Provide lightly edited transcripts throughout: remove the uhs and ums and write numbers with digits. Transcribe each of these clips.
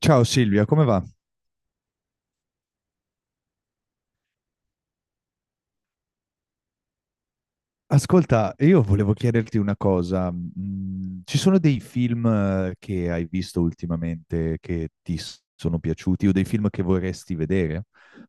Ciao Silvia, come va? Ascolta, io volevo chiederti una cosa. Ci sono dei film che hai visto ultimamente che sono piaciuti o dei film che vorresti vedere?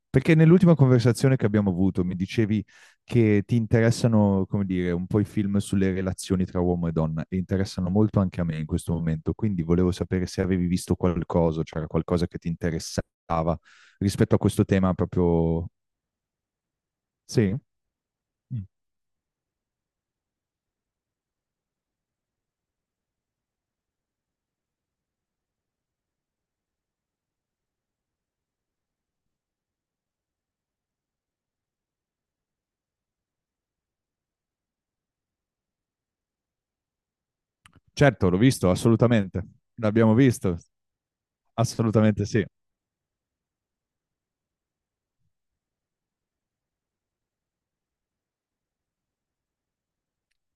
Perché nell'ultima conversazione che abbiamo avuto mi dicevi che ti interessano, come dire, un po' i film sulle relazioni tra uomo e donna e interessano molto anche a me in questo momento, quindi volevo sapere se avevi visto qualcosa, c'era qualcosa che ti interessava rispetto a questo tema proprio. Sì? Certo, l'ho visto, assolutamente. L'abbiamo visto, assolutamente sì.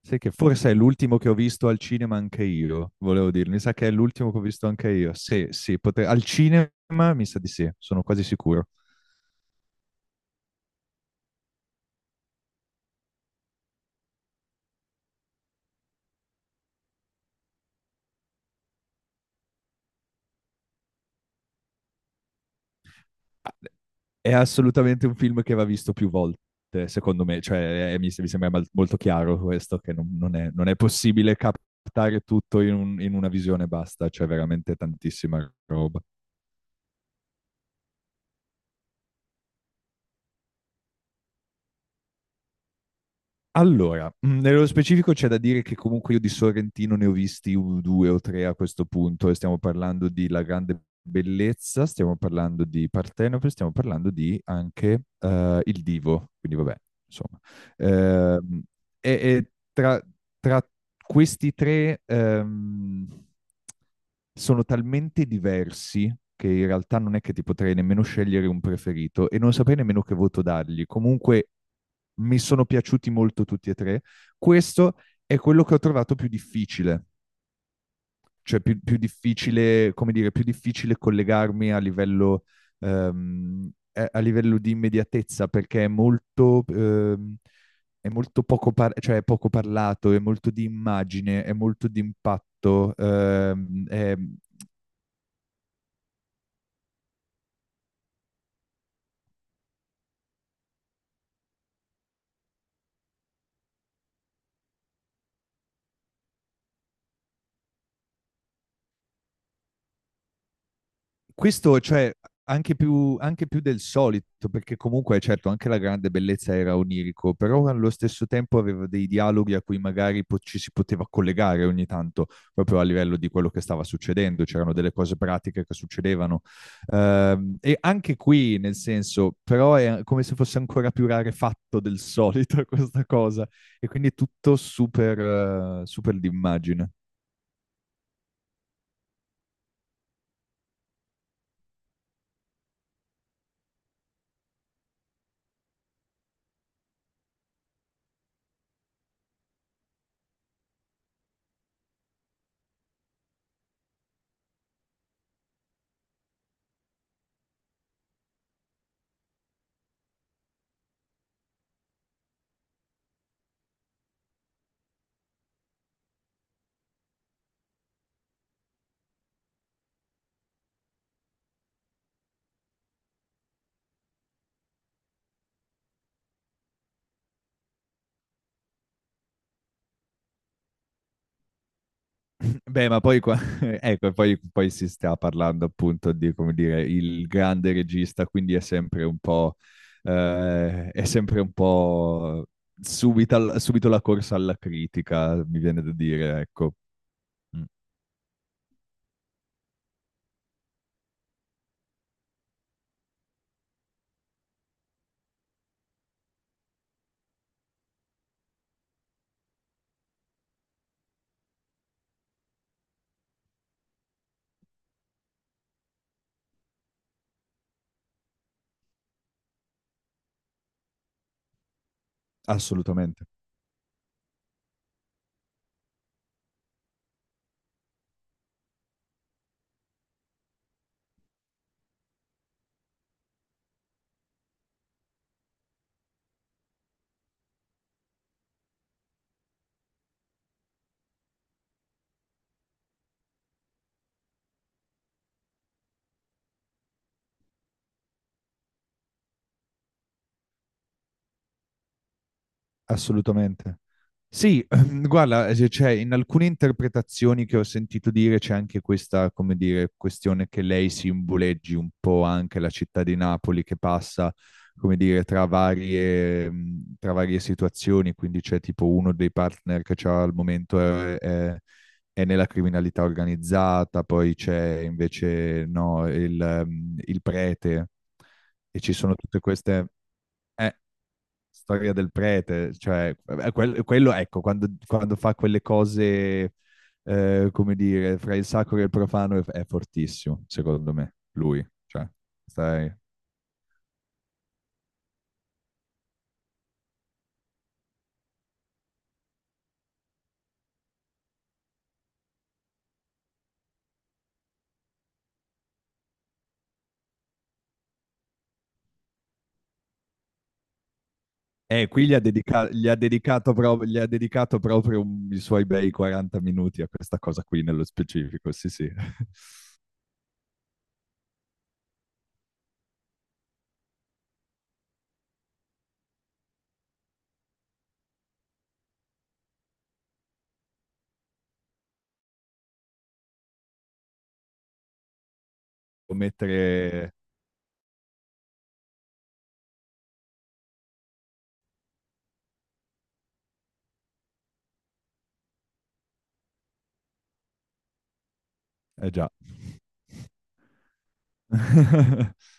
Sai che forse è l'ultimo che ho visto al cinema anche io, volevo dire. Mi sa che è l'ultimo che ho visto anche io. Sì, sì, al cinema mi sa di sì, sono quasi sicuro. Ah, è assolutamente un film che va visto più volte, secondo me. Cioè, mi sembra molto chiaro questo, che non è, non è possibile captare tutto in una visione basta. C'è veramente tantissima roba. Allora, nello specifico c'è da dire che comunque io di Sorrentino ne ho visti due o tre a questo punto e stiamo parlando di La Grande Bellezza, stiamo parlando di Partenope, stiamo parlando di anche Il Divo, quindi vabbè, insomma. Ehm, e tra, tra questi tre, sono talmente diversi che in realtà non è che ti potrei nemmeno scegliere un preferito e non saprei nemmeno che voto dargli. Comunque mi sono piaciuti molto tutti e tre. Questo è quello che ho trovato più difficile, cioè più difficile, come dire, più difficile collegarmi a livello di immediatezza perché è molto è molto poco, cioè è poco parlato, è molto di immagine, è molto di impatto, questo, cioè, anche più del solito, perché comunque, certo, anche la grande bellezza era onirico, però allo stesso tempo aveva dei dialoghi a cui magari ci si poteva collegare ogni tanto, proprio a livello di quello che stava succedendo, c'erano delle cose pratiche che succedevano. E anche qui, nel senso, però è come se fosse ancora più rarefatto del solito questa cosa, e quindi è tutto super, super d'immagine. Beh, ma poi qua, ecco, poi si sta parlando appunto di, come dire, il grande regista, quindi è sempre un po', eh, è sempre un po' subito la corsa alla critica, mi viene da dire, ecco. Mm, assolutamente. Assolutamente. Sì, guarda, cioè, in alcune interpretazioni che ho sentito dire c'è anche questa, come dire, questione che lei simboleggi un po' anche la città di Napoli che passa, come dire, tra varie situazioni, quindi c'è tipo uno dei partner che c'ha al momento è nella criminalità organizzata, poi c'è invece no, il prete e ci sono tutte queste eh, storia del prete, cioè, quello, ecco, quando fa quelle cose, come dire, fra il sacro e il profano è fortissimo, secondo me, lui. Cioè, stai. Qui gli ha dedicato proprio i suoi bei 40 minuti a questa cosa qui nello specifico, sì, sì. Può mettere. Eh già.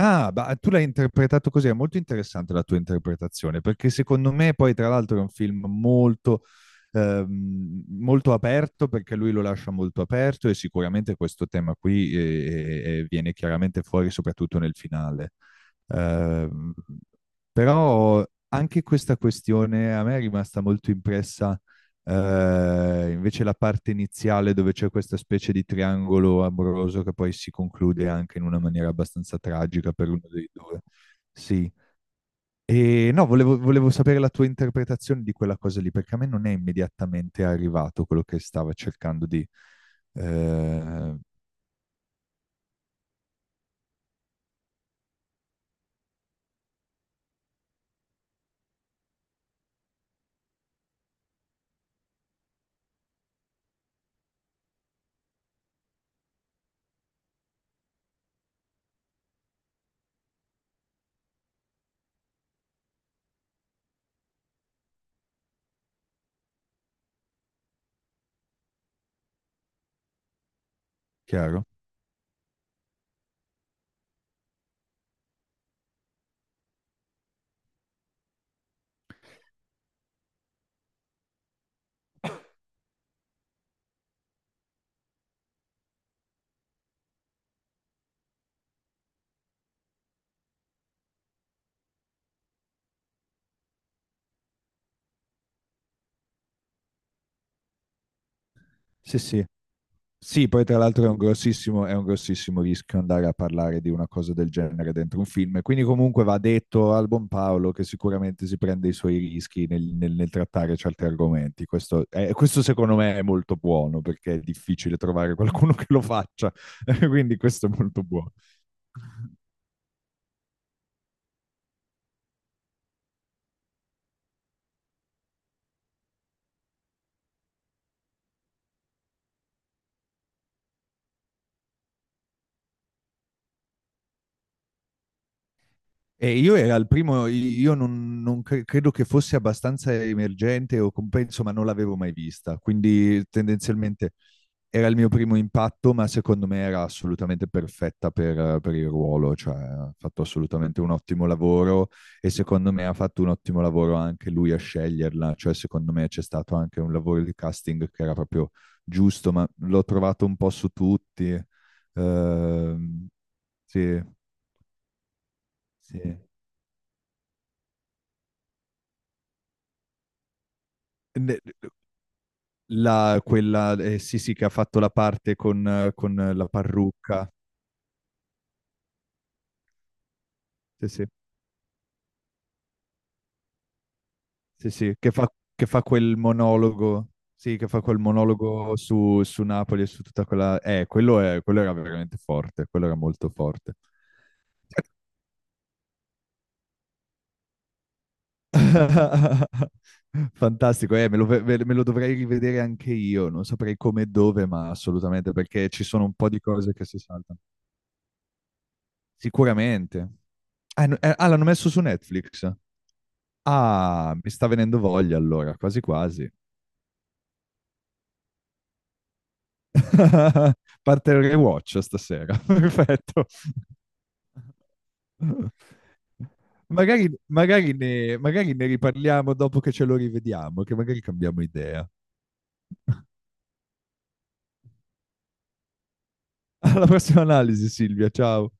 Ah, ma tu l'hai interpretato così, è molto interessante la tua interpretazione, perché secondo me poi tra l'altro è un film molto, molto aperto, perché lui lo lascia molto aperto e sicuramente questo tema qui viene chiaramente fuori soprattutto nel finale. Ehm, però anche questa questione a me è rimasta molto impressa invece la parte iniziale dove c'è questa specie di triangolo amoroso che poi si conclude anche in una maniera abbastanza tragica per uno dei due. Sì. E no, volevo sapere la tua interpretazione di quella cosa lì, perché a me non è immediatamente arrivato quello che stava cercando di. eh, Chiaro? Sì, sì, sì, poi tra l'altro è un grossissimo rischio andare a parlare di una cosa del genere dentro un film, quindi comunque va detto al buon Paolo che sicuramente si prende i suoi rischi nel trattare certi argomenti. Questo, questo secondo me è molto buono perché è difficile trovare qualcuno che lo faccia, quindi questo è molto buono. E io era il primo, io non credo che fosse abbastanza emergente o compenso, ma non l'avevo mai vista, quindi tendenzialmente. Era il mio primo impatto, ma secondo me era assolutamente perfetta per il ruolo, cioè ha fatto assolutamente un ottimo lavoro e secondo me ha fatto un ottimo lavoro anche lui a sceglierla, cioè secondo me c'è stato anche un lavoro di casting che era proprio giusto, ma l'ho trovato un po' su tutti. Ehm, sì, sì. Ne- la, quella, sì, sì, che ha fatto la parte con la parrucca. Sì, sì. Sì, sì, che che fa quel monologo, sì, che fa quel monologo su, su Napoli e su tutta quella. Quello, quello era veramente forte, quello era molto forte. Fantastico, me lo dovrei rivedere anche io, non saprei come e dove, ma assolutamente, perché ci sono un po' di cose che si saltano. Sicuramente. Ah, l'hanno messo su Netflix. Ah, mi sta venendo voglia allora, quasi quasi. Parte il rewatch stasera, perfetto. Magari, magari ne riparliamo dopo che ce lo rivediamo, che magari cambiamo idea. Alla prossima analisi, Silvia, ciao.